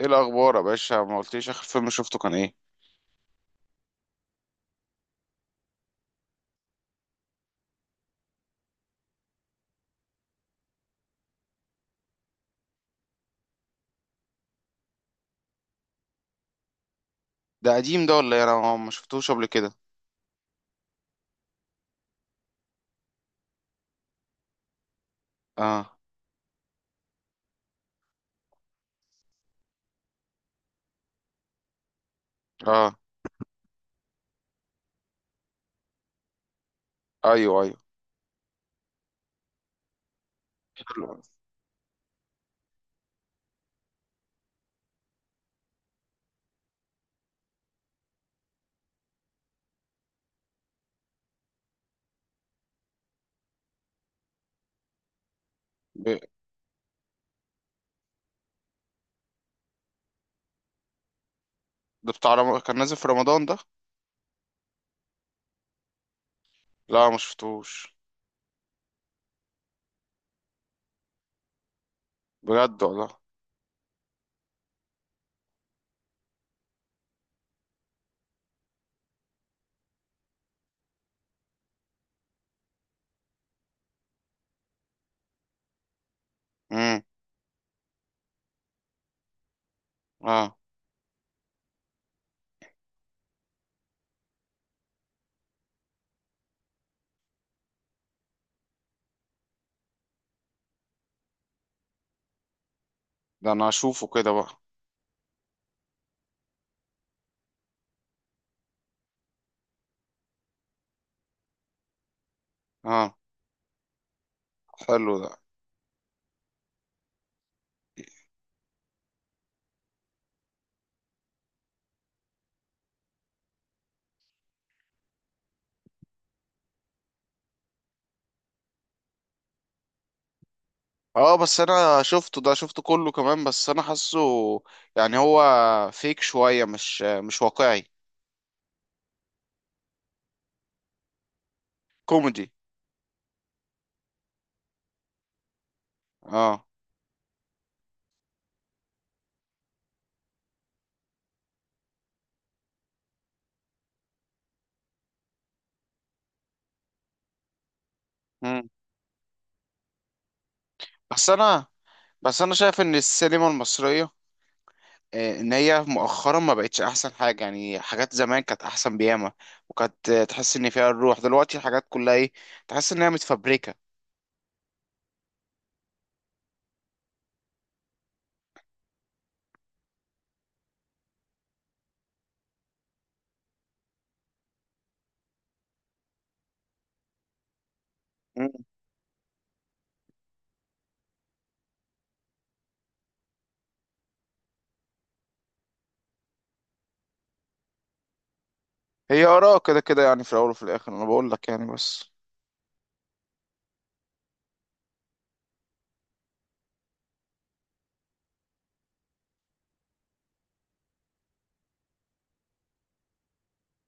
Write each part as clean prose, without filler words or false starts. ايه الاخبار يا باشا؟ ما قلتليش اخر فيلم شفته كان ايه. ده قديم ده ولا ايه؟ انا ما شفتوش قبل كده. اه. اه، ايوه ايوه. ب- ده بتاع كان نازل في رمضان ده؟ لا ما شفتوش بجد والله. امم. اه. ده انا اشوفه كده بقى. اه، حلو ده. اه بس انا شفته، ده شفته كله كمان، بس انا حاسه يعني هو فيك شوية مش واقعي. كوميدي. اه. امم. بس انا بس انا شايف ان السينما المصرية، ان هي مؤخرا ما بقتش احسن حاجه، يعني حاجات زمان كانت احسن بياما، وكانت تحس ان فيها الروح، دلوقتي الحاجات كلها ايه، تحس انها متفبركه. مم. هي اراء كده كده، يعني في الاول وفي الاخر انا بقول لك يعني بس.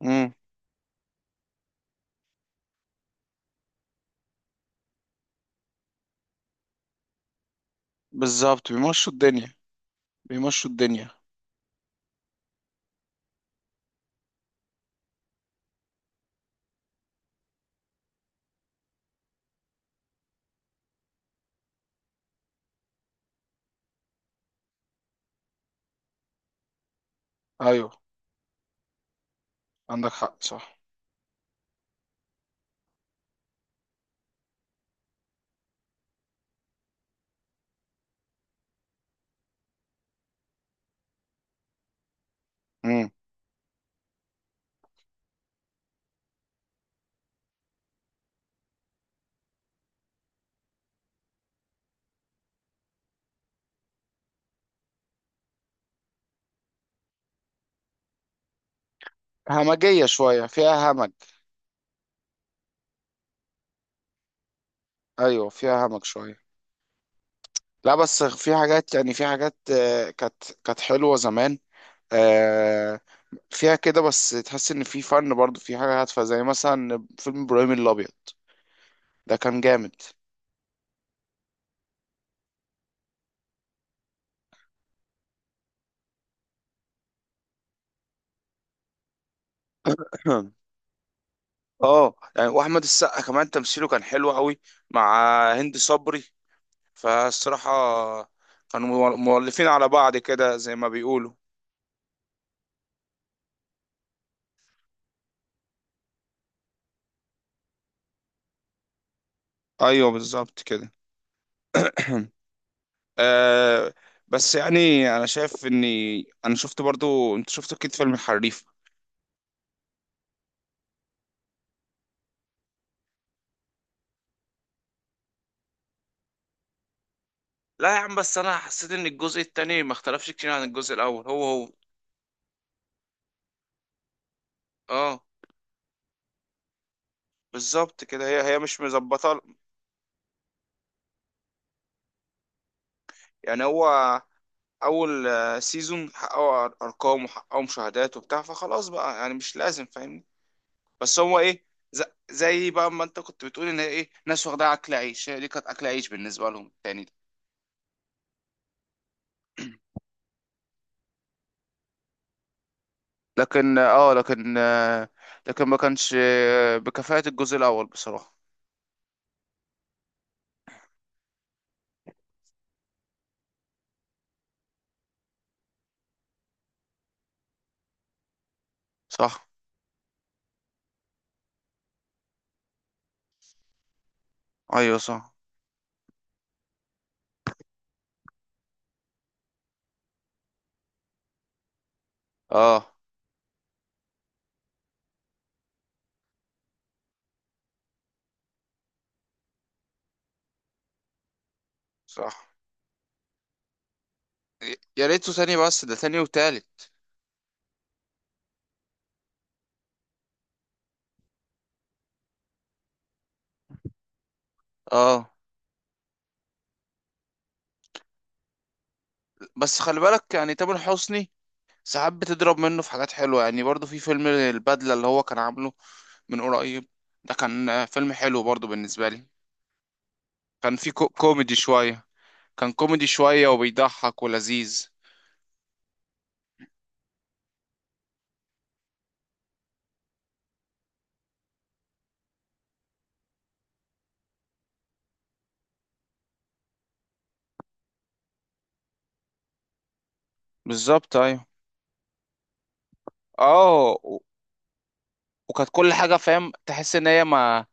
امم. بالظبط، بيمشوا الدنيا. بيمشوا الدنيا. ايوه، عندك حق، صح. امم. همجيه شويه، فيها همج. ايوه فيها همج شويه. لا بس في حاجات، يعني في حاجات كانت كانت حلوه زمان، فيها كده، بس تحس ان في فن برضه، في حاجه هادفه، زي مثلا فيلم ابراهيم الابيض، ده كان جامد. اه يعني، واحمد السقا كمان تمثيله كان حلو قوي، مع هند صبري، فالصراحه كانوا مؤلفين على بعض كده زي ما بيقولوا. ايوه بالظبط كده. آه، بس يعني انا شايف اني، انا شفت برضو، انت شفت اكيد فيلم الحريف. لا يا عم، بس انا حسيت ان الجزء التاني ما اختلفش كتير عن الجزء الاول، هو. اه بالظبط كده، هي مش مظبطه. يعني هو اول سيزون حققوا ارقام وحققوا مشاهدات وبتاع، فخلاص بقى يعني مش لازم، فاهمني؟ بس هو ايه، ز- زي بقى ما انت كنت بتقول ان ايه، ناس واخدها اكل عيش، هي دي كانت اكل عيش بالنسبه لهم التاني ده. لكن اه، لكن لكن ما كانش بكفاءة الجزء الاول بصراحه. صح. ايوه صح. اه صح. يا ريته تاني، بس ده تاني وتالت. اه بس خلي بالك، يعني تامر حسني ساعات بتضرب منه في حاجات حلوة، يعني برضو في فيلم البدلة اللي هو كان عامله من قريب، ده كان فيلم حلو برضو بالنسبة لي، كان في كو كوميدي شوية، كان كوميدي شوية وبيضحك ولذيذ. بالظبط ايوه. اه، وكانت كل حاجة فاهم، تحس ان هي ما.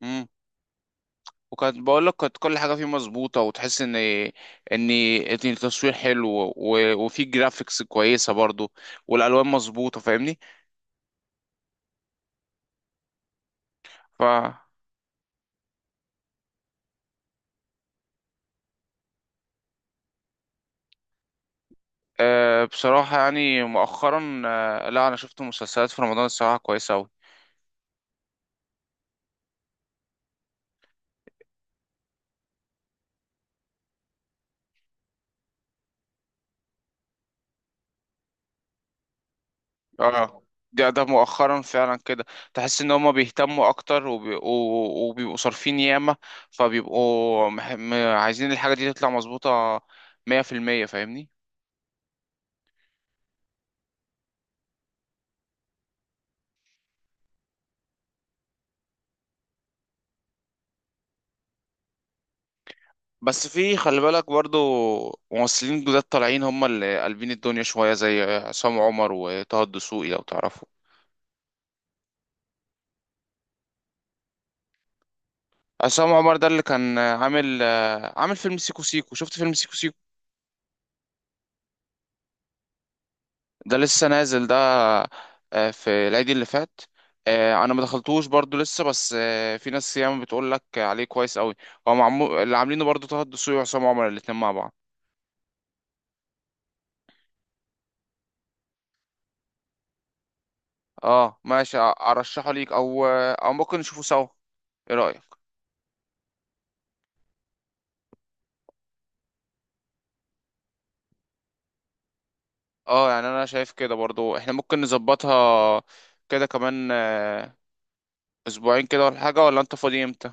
مم. وكانت بقول لك، كانت كل حاجة فيه مظبوطة، وتحس ان إن التصوير حلو، وفي جرافيكس كويسة برضو، والالوان مظبوطة، فاهمني؟ ف، أه بصراحة يعني مؤخرا أه لا، أنا شفت مسلسلات في رمضان الصراحة كويسة أوي. اه، ده ده مؤخرا فعلا كده. تحس إن هما بيهتموا أكتر، وبيبقوا صارفين ياما، فبيبقوا عايزين الحاجة دي تطلع مظبوطة، مية في المية، فاهمني؟ بس في خلي بالك برضو، ممثلين جداد طالعين هما اللي قلبين الدنيا شوية، زي عصام عمر وطه الدسوقي لو تعرفوا. عصام عمر ده اللي كان عامل، عامل فيلم سيكو سيكو، شفت فيلم سيكو سيكو؟ ده لسه نازل ده، في العيد اللي فات. انا ما دخلتوش برضو لسه، بس في ناس ياما بتقول لك عليه كويس قوي، هو معمول اللي عاملينه برضو طه الدسوقي وعصام عمر الاتنين مع بعض. اه ماشي، ارشحه ليك، او او ممكن نشوفه سوا، ايه رايك؟ اه يعني انا شايف كده برضو احنا ممكن نظبطها كده كمان اسبوعين كده ولا حاجه، ولا انت فاضي امتى؟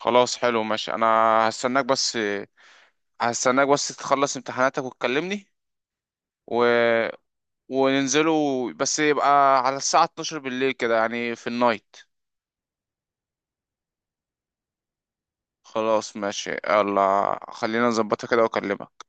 خلاص حلو ماشي، انا هستناك بس، هستناك بس تخلص امتحاناتك وتكلمني. و وننزلوا، بس يبقى على الساعة 12 بالليل كده يعني في النايت. خلاص ماشي، يلا خلينا نظبطها كده واكلمك.